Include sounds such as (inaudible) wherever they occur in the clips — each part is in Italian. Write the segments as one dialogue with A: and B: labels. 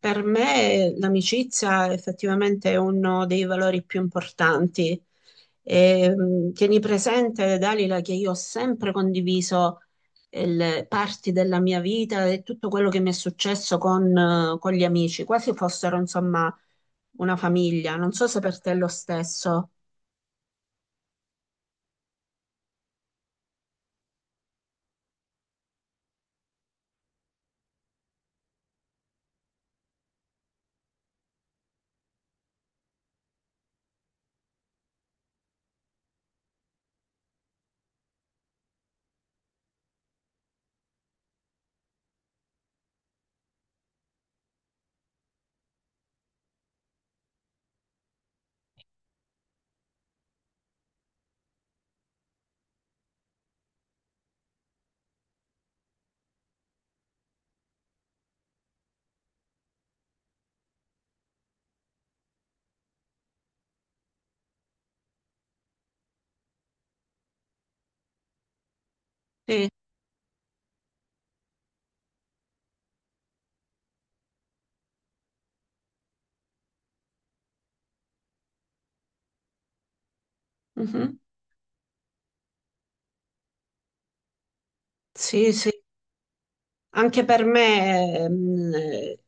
A: Per me l'amicizia effettivamente è uno dei valori più importanti. E, tieni presente, Dalila, che io ho sempre condiviso le parti della mia vita e tutto quello che mi è successo con gli amici, quasi fossero insomma una famiglia. Non so se per te è lo stesso. Sì, mhm. Sì, sì. Anche per me, mh, eh,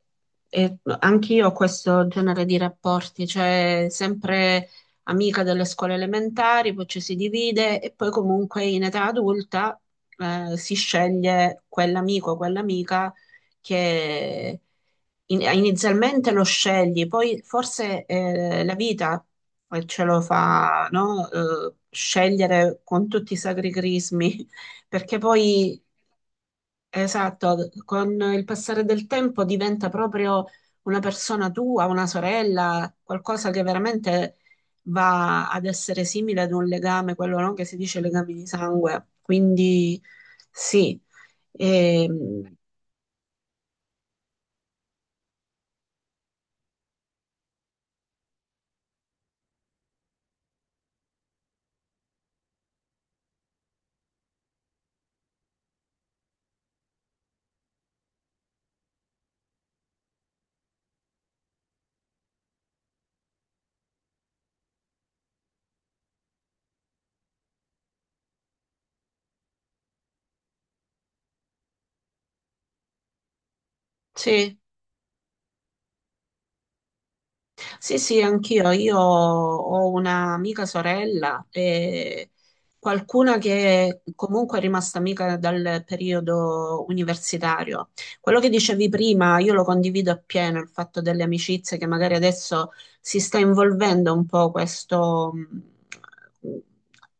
A: eh, anch'io ho questo genere di rapporti, cioè sempre amica delle scuole elementari, poi ci si divide e poi comunque in età adulta si sceglie quell'amico o quell'amica che inizialmente lo scegli, poi forse la vita ce lo fa, no? Scegliere con tutti i sacri crismi perché poi, esatto, con il passare del tempo diventa proprio una persona tua, una sorella, qualcosa che veramente va ad essere simile ad un legame, quello no, che si dice legami di sangue. Quindi sì, ehm, sì. Sì, sì, anch'io. Io ho un'amica sorella e qualcuna che comunque è rimasta amica dal periodo universitario. Quello che dicevi prima, io lo condivido appieno, il fatto delle amicizie che magari adesso si sta involvendo un po' questo, mh,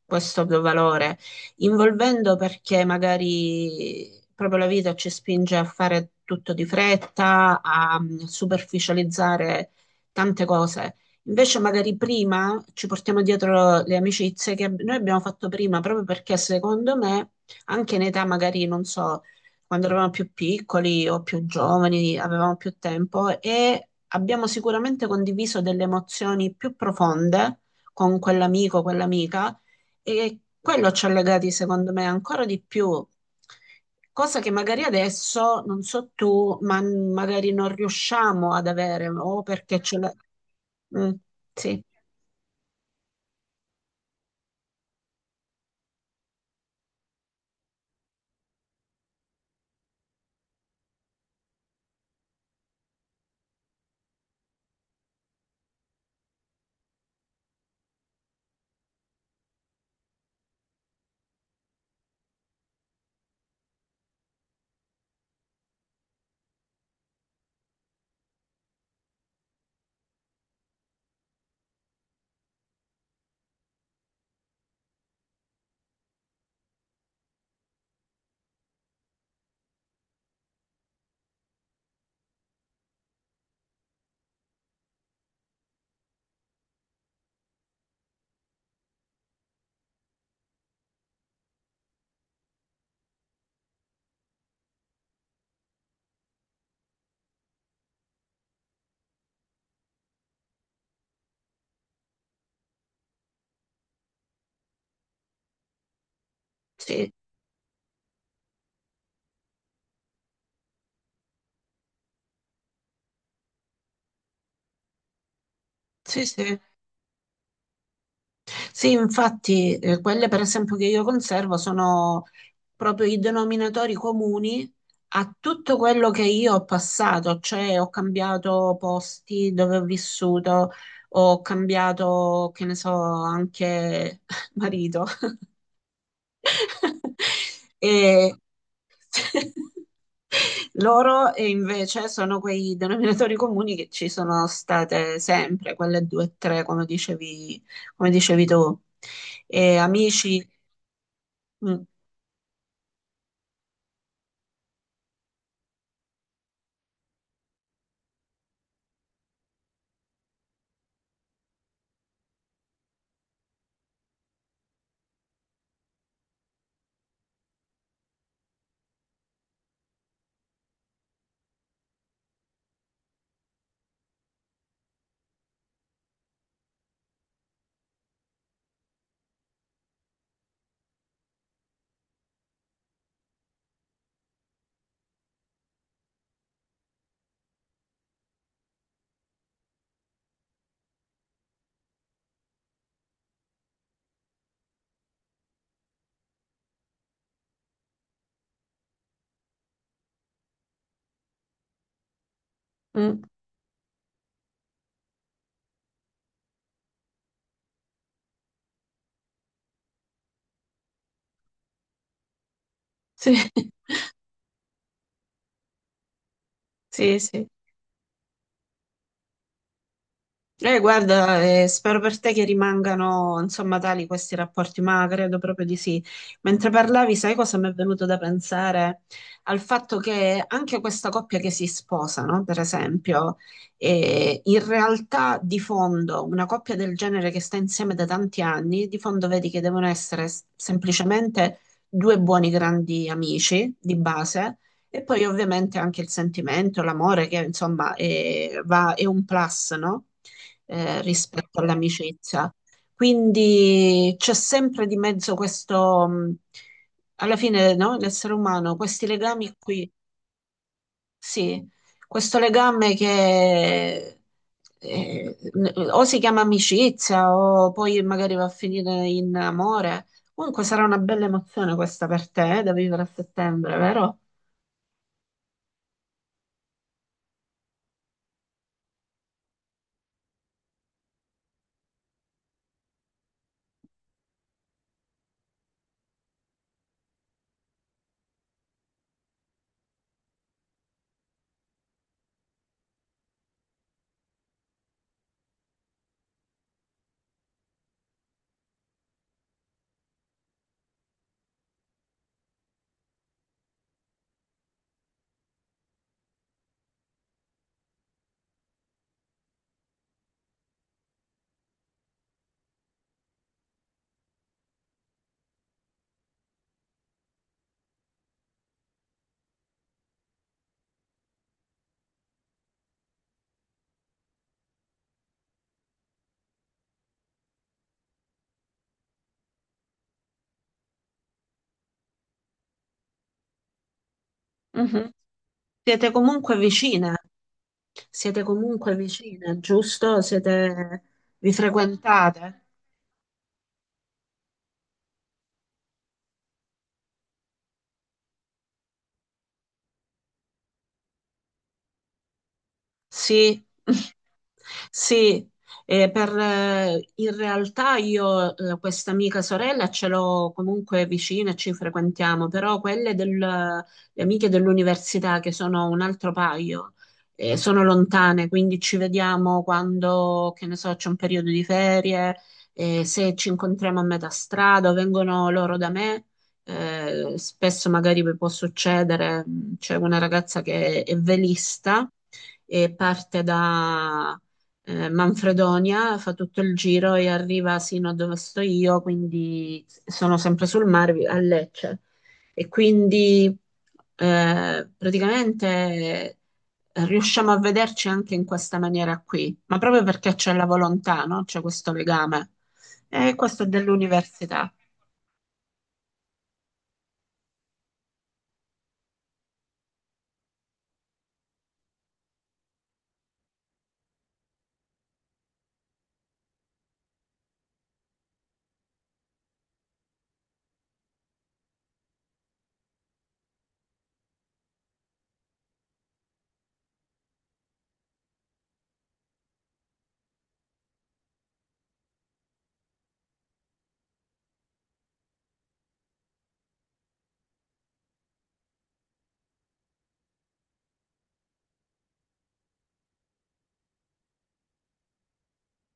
A: questo valore, involvendo perché magari proprio la vita ci spinge a fare tutto di fretta, a superficializzare tante cose. Invece magari prima ci portiamo dietro le amicizie che noi abbiamo fatto prima, proprio perché secondo me, anche in età magari, non so, quando eravamo più piccoli o più giovani, avevamo più tempo e abbiamo sicuramente condiviso delle emozioni più profonde con quell'amico, quell'amica e quello ci ha legati, secondo me, ancora di più. Cosa che magari adesso, non so tu, ma magari non riusciamo ad avere, o perché ce la... Mm, sì, sì, sì, sì. Sì, infatti, quelle per esempio che io conservo sono proprio i denominatori comuni a tutto quello che io ho passato, cioè ho cambiato posti dove ho vissuto, ho cambiato, che ne so, anche (laughs) marito. (laughs) E (laughs) loro invece sono quei denominatori comuni che ci sono state sempre, quelle due o tre, come dicevi tu. E amici, mm, mm, sì, (laughs) sì, sì. Guarda, spero per te che rimangano, insomma, tali questi rapporti, ma credo proprio di sì. Mentre parlavi, sai cosa mi è venuto da pensare? Al fatto che anche questa coppia che si sposa, no? Per esempio, in realtà di fondo, una coppia del genere che sta insieme da tanti anni, di fondo vedi che devono essere semplicemente due buoni grandi amici di base. E poi ovviamente anche il sentimento, l'amore che insomma è, è un plus, no? Eh, rispetto all'amicizia. Quindi c'è sempre di mezzo questo, alla fine, no? L'essere umano, questi legami qui, sì, questo legame che o si chiama amicizia o poi magari va a finire in amore. Comunque sarà una bella emozione questa per te, da vivere a settembre, vero? Mhm. Siete comunque vicine, giusto? Siete... Vi frequentate? Sì, (laughs) sì, in realtà io questa amica sorella ce l'ho comunque vicina e ci frequentiamo, però quelle le amiche dell'università che sono un altro paio, sono lontane, quindi ci vediamo quando, che ne so, c'è un periodo di ferie, se ci incontriamo a metà strada o vengono loro da me. Spesso magari può succedere, c'è una ragazza che è velista e parte da Manfredonia, fa tutto il giro e arriva sino a dove sto io, quindi sono sempre sul mare a Lecce. E quindi eh, praticamente riusciamo a vederci anche in questa maniera qui, ma proprio perché c'è la volontà, no? C'è questo legame. E questo è dell'università.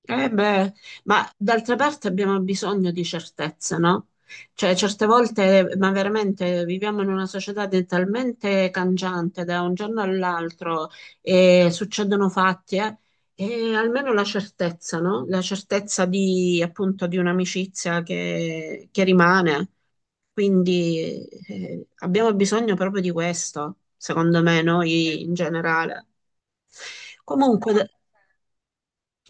A: Eh beh, ma d'altra parte abbiamo bisogno di certezze, no? Cioè, certe volte, ma veramente viviamo in una società talmente cangiante da un giorno all'altro e succedono fatti, e almeno la certezza, no? La certezza di, appunto, di un'amicizia che rimane. Quindi, abbiamo bisogno proprio di questo, secondo me, noi in generale. Comunque.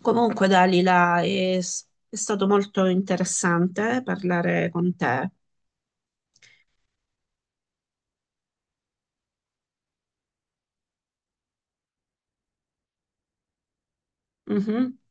A: Comunque, Dalila, è, è stato molto interessante parlare con te. Mhm.